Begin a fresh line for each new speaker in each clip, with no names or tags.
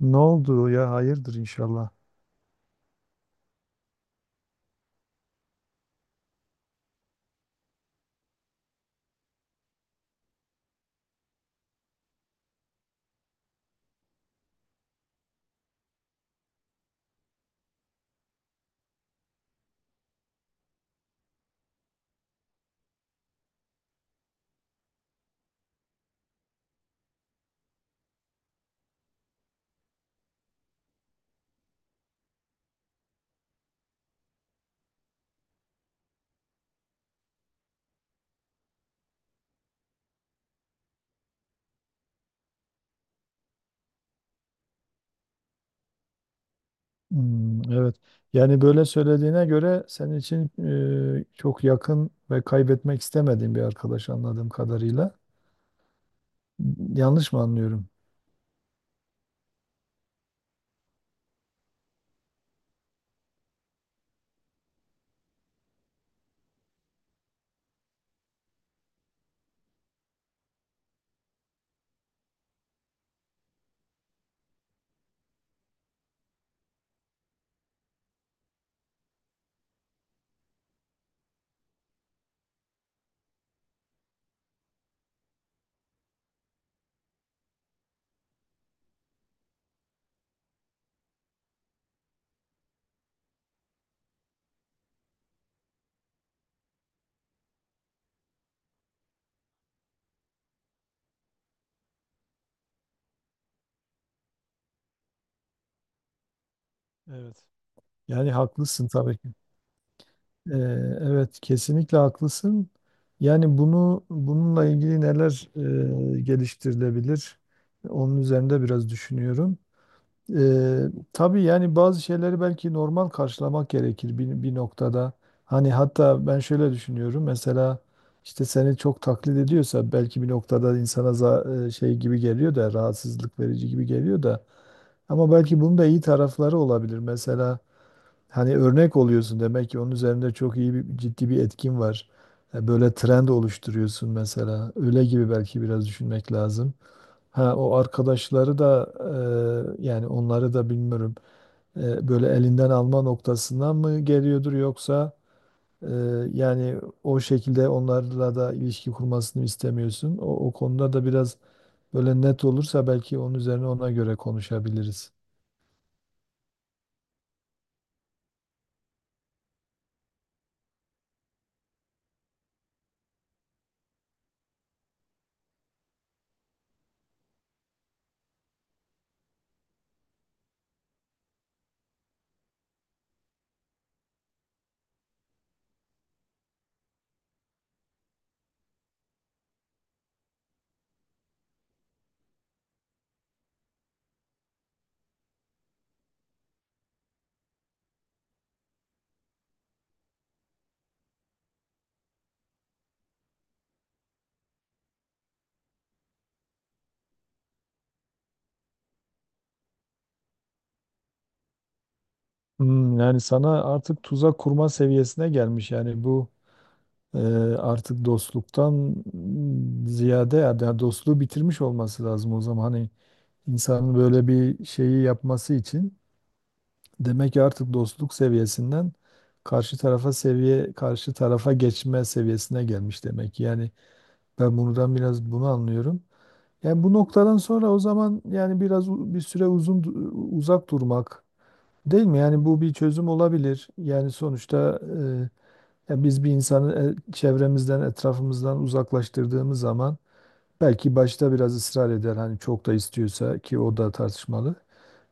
Ne oldu ya? Hayırdır inşallah. Hmm, evet. Yani böyle söylediğine göre senin için çok yakın ve kaybetmek istemediğin bir arkadaş anladığım kadarıyla. Yanlış mı anlıyorum? Evet. Yani haklısın tabii ki. Ee, evet, kesinlikle haklısın. Yani bunu bununla ilgili neler geliştirilebilir? Onun üzerinde biraz düşünüyorum. Ee, tabii yani bazı şeyleri belki normal karşılamak gerekir bir noktada. Hani hatta ben şöyle düşünüyorum. Mesela işte seni çok taklit ediyorsa belki bir noktada insana şey gibi geliyor da rahatsızlık verici gibi geliyor da. Ama belki bunun da iyi tarafları olabilir. Mesela hani örnek oluyorsun demek ki onun üzerinde çok iyi bir, ciddi bir etkin var. Böyle trend oluşturuyorsun mesela. Öyle gibi belki biraz düşünmek lazım. Ha, o arkadaşları da yani onları da bilmiyorum. Böyle elinden alma noktasından mı geliyordur yoksa e, yani o şekilde onlarla da ilişki kurmasını istemiyorsun. O konuda da biraz böyle net olursa belki onun üzerine ona göre konuşabiliriz. Hmm, yani sana artık tuzak kurma seviyesine gelmiş yani bu e, artık dostluktan ziyade ya yani dostluğu bitirmiş olması lazım o zaman hani insanın böyle bir şeyi yapması için. Demek ki artık dostluk seviyesinden karşı tarafa geçme seviyesine gelmiş demek ki. Yani ben buradan biraz bunu anlıyorum. Yani bu noktadan sonra o zaman yani biraz bir süre uzak durmak değil mi? Yani bu bir çözüm olabilir. Yani sonuçta ya biz bir insanı çevremizden, etrafımızdan uzaklaştırdığımız zaman belki başta biraz ısrar eder hani çok da istiyorsa ki o da tartışmalı.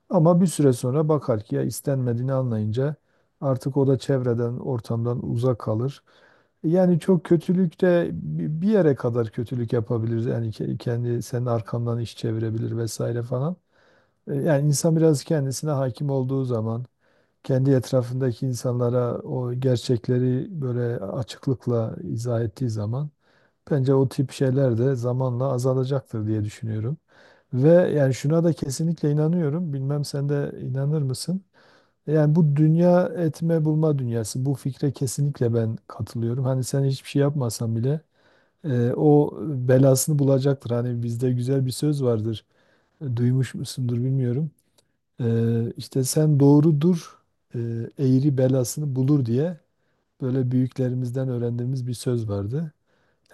Ama bir süre sonra bakar ki ya istenmediğini anlayınca artık o da çevreden, ortamdan uzak kalır. Yani çok kötülük de bir yere kadar kötülük yapabilir. Yani kendi senin arkandan iş çevirebilir vesaire falan. Yani insan biraz kendisine hakim olduğu zaman kendi etrafındaki insanlara o gerçekleri böyle açıklıkla izah ettiği zaman bence o tip şeyler de zamanla azalacaktır diye düşünüyorum. Ve yani şuna da kesinlikle inanıyorum. Bilmem sen de inanır mısın? Yani bu dünya etme bulma dünyası, bu fikre kesinlikle ben katılıyorum. Hani sen hiçbir şey yapmasan bile o belasını bulacaktır. Hani bizde güzel bir söz vardır. Duymuş musundur bilmiyorum. İşte sen doğrudur, e, eğri belasını bulur diye böyle büyüklerimizden öğrendiğimiz bir söz vardı.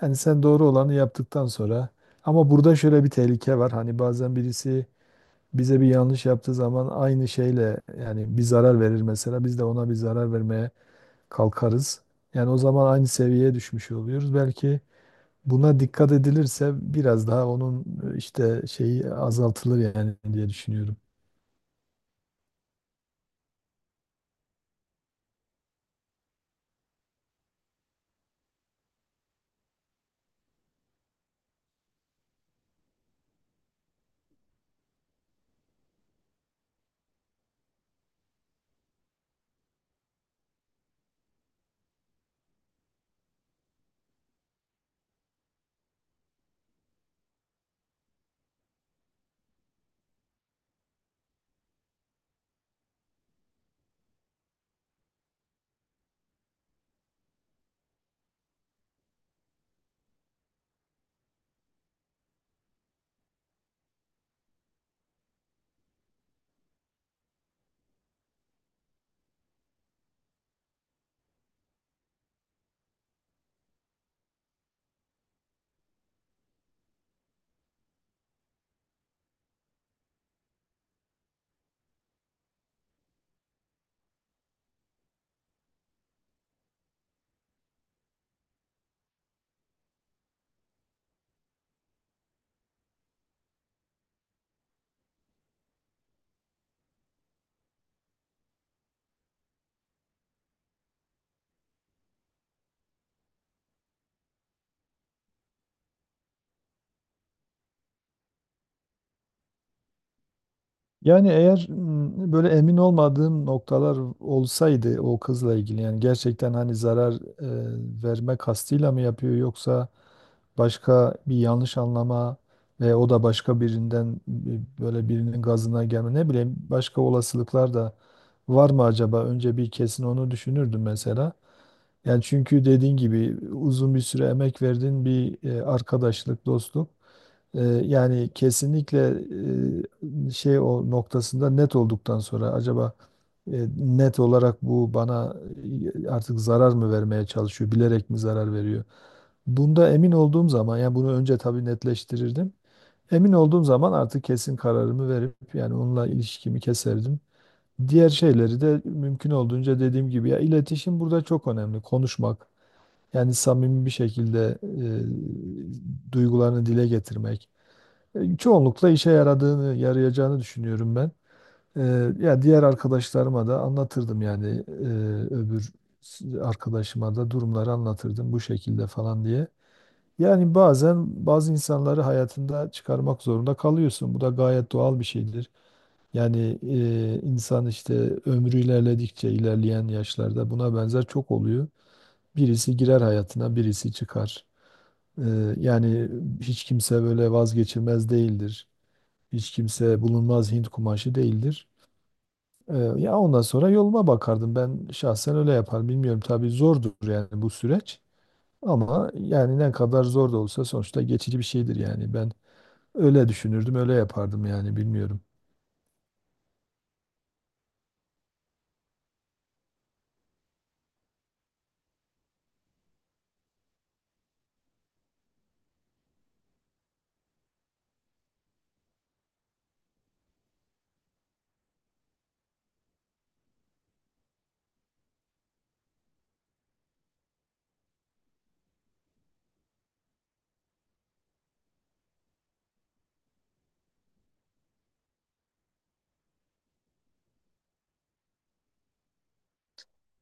Yani sen doğru olanı yaptıktan sonra ama burada şöyle bir tehlike var. Hani bazen birisi bize bir yanlış yaptığı zaman aynı şeyle yani bir zarar verir, mesela biz de ona bir zarar vermeye kalkarız. Yani o zaman aynı seviyeye düşmüş oluyoruz. Belki buna dikkat edilirse biraz daha onun işte şeyi azaltılır yani diye düşünüyorum. Yani eğer böyle emin olmadığım noktalar olsaydı o kızla ilgili, yani gerçekten hani zarar verme kastıyla mı yapıyor, yoksa başka bir yanlış anlama ve o da başka birinden böyle birinin gazına gelme, ne bileyim, başka olasılıklar da var mı acaba? Önce bir kesin onu düşünürdüm mesela. Yani çünkü dediğin gibi uzun bir süre emek verdiğin bir arkadaşlık, dostluk. Ee, Yani kesinlikle şey o noktasında net olduktan sonra, acaba e, net olarak bu bana artık zarar mı vermeye çalışıyor, bilerek mi zarar veriyor? Bunda emin olduğum zaman yani bunu önce tabii netleştirirdim. Emin olduğum zaman artık kesin kararımı verip yani onunla ilişkimi keserdim. Diğer şeyleri de mümkün olduğunca, dediğim gibi, ya, iletişim burada çok önemli. Konuşmak yani samimi bir şekilde duygularını dile getirmek. Çoğunlukla işe yaradığını, yarayacağını düşünüyorum ben. E, Ya diğer arkadaşlarıma da anlatırdım yani, öbür arkadaşıma da durumları anlatırdım bu şekilde falan diye. Yani bazen bazı insanları hayatında çıkarmak zorunda kalıyorsun. Bu da gayet doğal bir şeydir. Yani insan işte ömrü ilerledikçe, ilerleyen yaşlarda buna benzer çok oluyor. Birisi girer hayatına, birisi çıkar. E, Yani hiç kimse böyle vazgeçilmez değildir. Hiç kimse bulunmaz Hint kumaşı değildir. Ya ondan sonra yoluma bakardım. Ben şahsen öyle yaparım. Bilmiyorum, tabii zordur yani bu süreç. Ama yani ne kadar zor da olsa sonuçta geçici bir şeydir yani. Ben öyle düşünürdüm, öyle yapardım yani, bilmiyorum.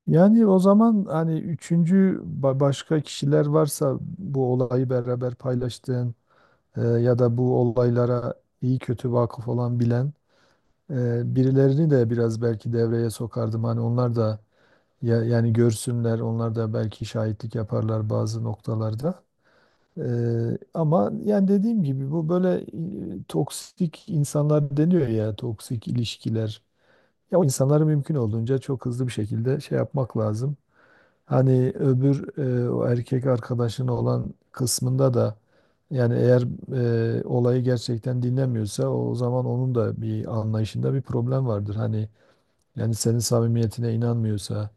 Yani o zaman hani üçüncü başka kişiler varsa bu olayı beraber paylaştığın ya da bu olaylara iyi kötü vakıf olan, bilen birilerini de biraz belki devreye sokardım. Hani onlar da, ya, yani görsünler, onlar da belki şahitlik yaparlar bazı noktalarda. Ama yani dediğim gibi bu böyle toksik insanlar deniyor ya, toksik ilişkiler. Ya o insanları mümkün olduğunca çok hızlı bir şekilde şey yapmak lazım. Hani öbür o erkek arkadaşın olan kısmında da yani eğer olayı gerçekten dinlemiyorsa o zaman onun da bir anlayışında bir problem vardır. Hani yani senin samimiyetine inanmıyorsa,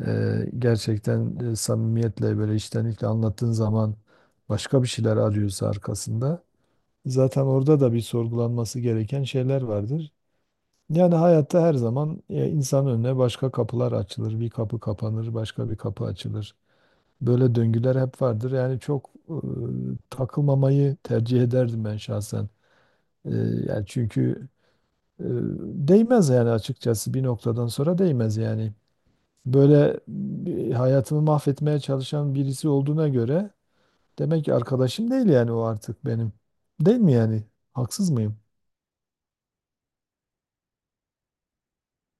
Gerçekten samimiyetle böyle içtenlikle anlattığın zaman başka bir şeyler arıyorsa arkasında, zaten orada da bir sorgulanması gereken şeyler vardır. Yani hayatta her zaman insanın önüne başka kapılar açılır. Bir kapı kapanır, başka bir kapı açılır. Böyle döngüler hep vardır. Yani çok takılmamayı tercih ederdim ben şahsen. E, Yani çünkü e, değmez yani, açıkçası bir noktadan sonra değmez yani, böyle bir hayatımı mahvetmeye çalışan birisi olduğuna göre demek ki arkadaşım değil yani o artık benim. Değil mi yani? Haksız mıyım?